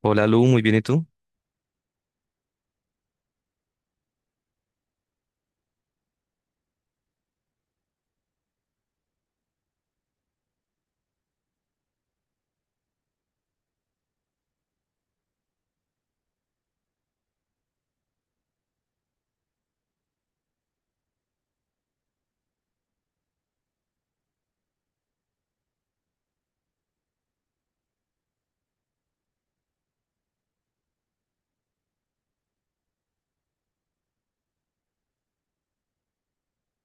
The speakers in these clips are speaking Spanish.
Hola Lu, muy bien, ¿y tú?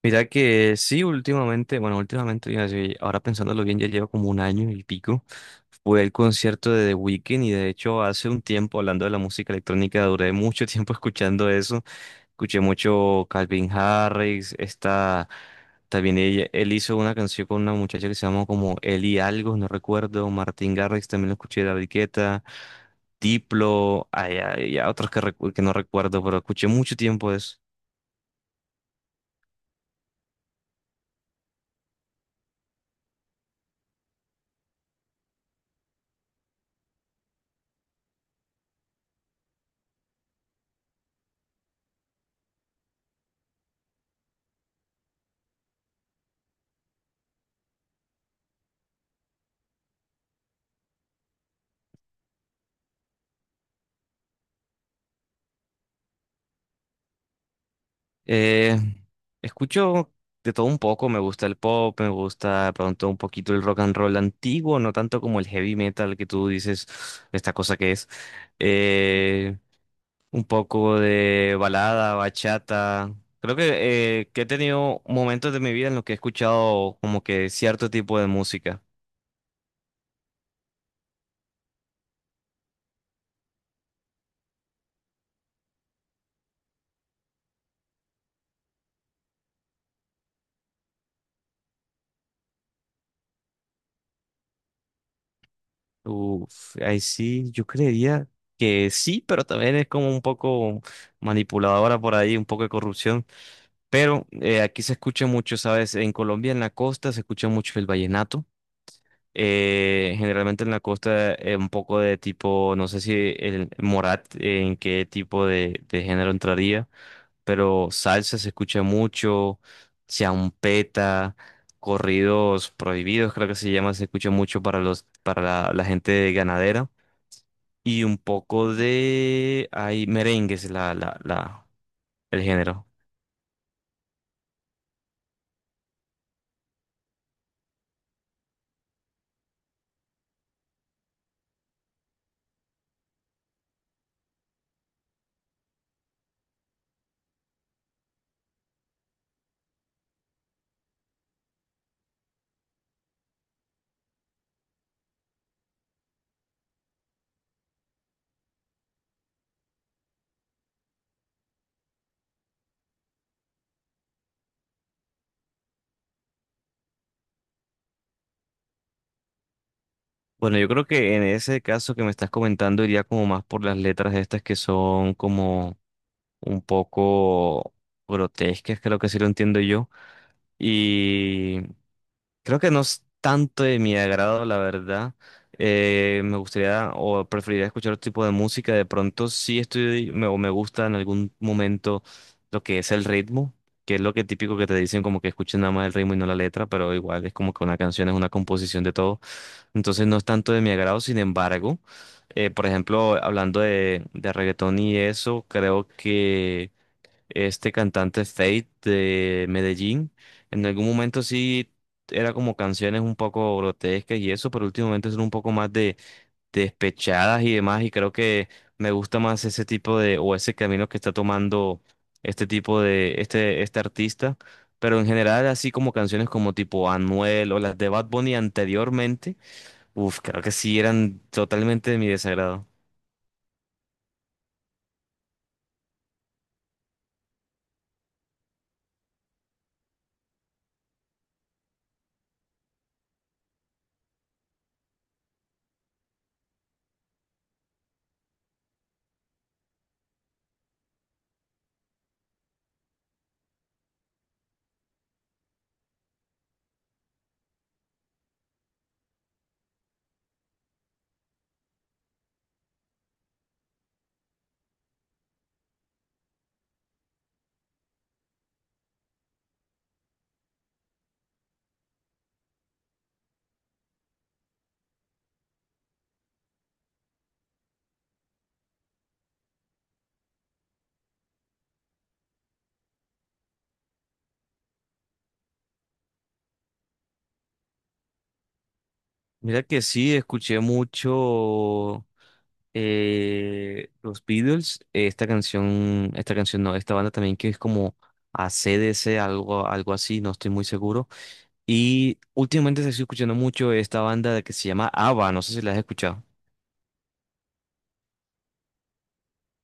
Mira que sí, últimamente, bueno, últimamente, iba a decir, ahora pensándolo bien, ya lleva como un año y pico, fue el concierto de The Weeknd y de hecho hace un tiempo, hablando de la música electrónica, duré mucho tiempo escuchando eso, escuché mucho Calvin Harris, esta, también él hizo una canción con una muchacha que se llama como Eli Algo, no recuerdo. Martin Garrix, también lo escuché, David Guetta, Diplo, hay otros que, que no recuerdo, pero escuché mucho tiempo eso. Eh, escucho de todo un poco, me gusta el pop, me gusta de pronto un poquito el rock and roll antiguo, no tanto como el heavy metal que tú dices, esta cosa que es. Eh, un poco de balada, bachata. Creo que he tenido momentos de mi vida en los que he escuchado como que cierto tipo de música. Uf, ahí sí, yo creería que sí, pero también es como un poco manipuladora por ahí, un poco de corrupción. Pero aquí se escucha mucho, ¿sabes? En Colombia, en la costa, se escucha mucho el vallenato. Generalmente en la costa, un poco de tipo, no sé si el Morat, en qué tipo de género entraría, pero salsa se escucha mucho, champeta, corridos prohibidos, creo que se llama, se escucha mucho para los, para la gente ganadera. Y un poco de, hay merengues, el género. Bueno, yo creo que en ese caso que me estás comentando iría como más por las letras estas que son como un poco grotescas, creo que así lo entiendo yo. Y creo que no es tanto de mi agrado, la verdad. Me gustaría o preferiría escuchar otro tipo de música. De pronto sí estoy me, o me gusta en algún momento lo que es el ritmo, que es lo que típico que te dicen como que escuchen nada más el ritmo y no la letra, pero igual es como que una canción es una composición de todo. Entonces no es tanto de mi agrado, sin embargo, por ejemplo, hablando de reggaetón y eso, creo que este cantante Fate de Medellín. En algún momento sí era como canciones un poco grotescas y eso, pero últimamente son un poco más de despechadas y demás. Y creo que me gusta más ese tipo de, o ese camino que está tomando este tipo de, este artista. Pero en general, así como canciones como tipo Anuel o las de Bad Bunny anteriormente, uff, creo que sí eran totalmente de mi desagrado. Mira que sí, escuché mucho los Beatles, esta canción no, esta banda también que es como AC/DC algo, algo así, no estoy muy seguro. Y últimamente se estoy escuchando mucho esta banda que se llama ABBA, no sé si la has escuchado.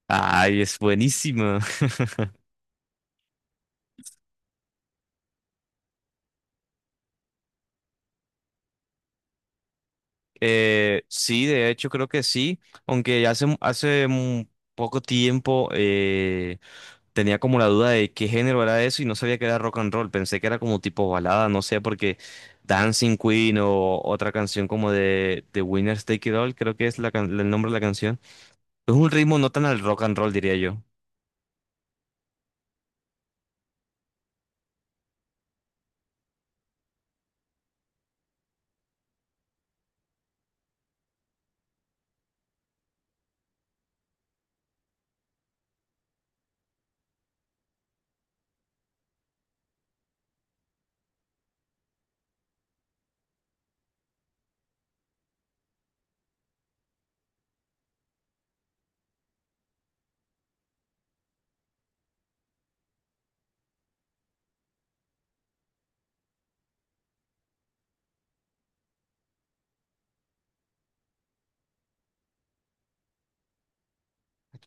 Ay, es buenísima. Sí, de hecho creo que sí, aunque hace un poco tiempo tenía como la duda de qué género era eso y no sabía que era rock and roll, pensé que era como tipo balada, no sé, porque Dancing Queen o otra canción como de Winners Take It All, creo que es la el nombre de la canción. Es un ritmo no tan al rock and roll, diría yo.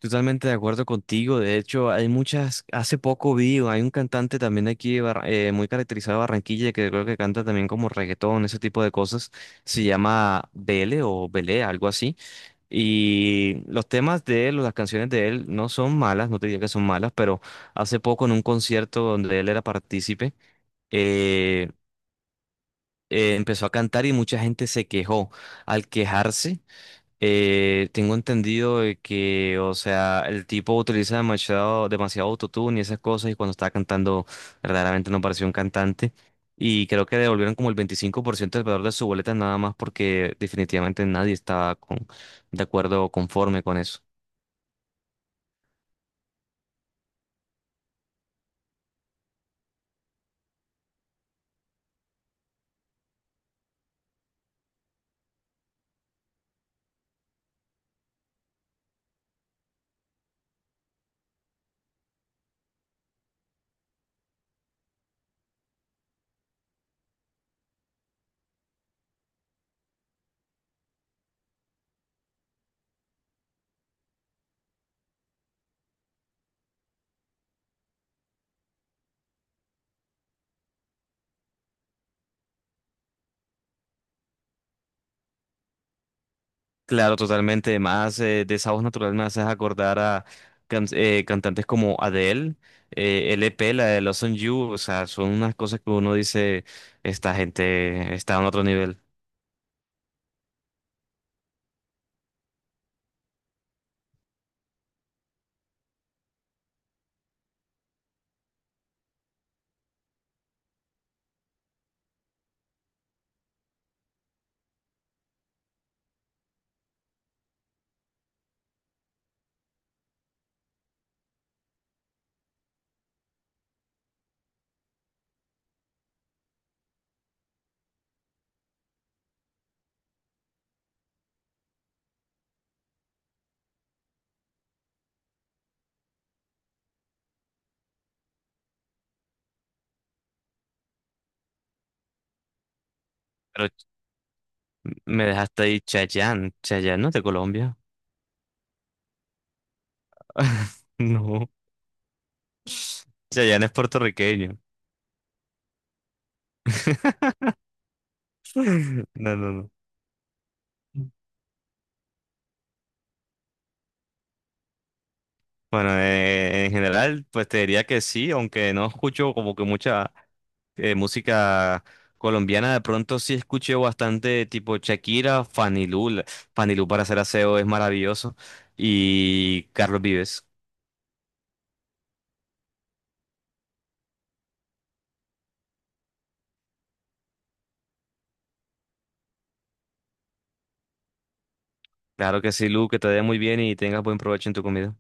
Totalmente de acuerdo contigo. De hecho, hay muchas. Hace poco vi, hay un cantante también aquí de muy caracterizado de Barranquilla que creo que canta también como reggaetón, ese tipo de cosas. Se llama Bele o Belé, algo así. Y los temas de él o las canciones de él no son malas, no te diría que son malas, pero hace poco en un concierto donde él era partícipe, eh, empezó a cantar y mucha gente se quejó. Al quejarse. Tengo entendido de que, o sea, el tipo utiliza demasiado, demasiado autotune y esas cosas, y cuando estaba cantando, verdaderamente no parecía un cantante. Y creo que devolvieron como el 25% del valor de su boleta, nada más porque definitivamente nadie estaba con, de acuerdo o conforme con eso. Claro, totalmente. Además, de esa voz natural me haces acordar a cantantes como Adele, LP, la de Los On You, o sea, son unas cosas que uno dice, esta gente está en otro nivel. Me dejaste ahí Chayanne. Chayanne no es de Colombia. No. Chayanne es puertorriqueño. No, no, no. Bueno, en general, pues te diría que sí, aunque no escucho como que mucha música colombiana, de pronto sí escuché bastante tipo Shakira, Fanny Lu, Fanny Lu para hacer aseo es maravilloso, y Carlos Vives. Claro que sí, Lu, que te vaya muy bien y tengas buen provecho en tu comida.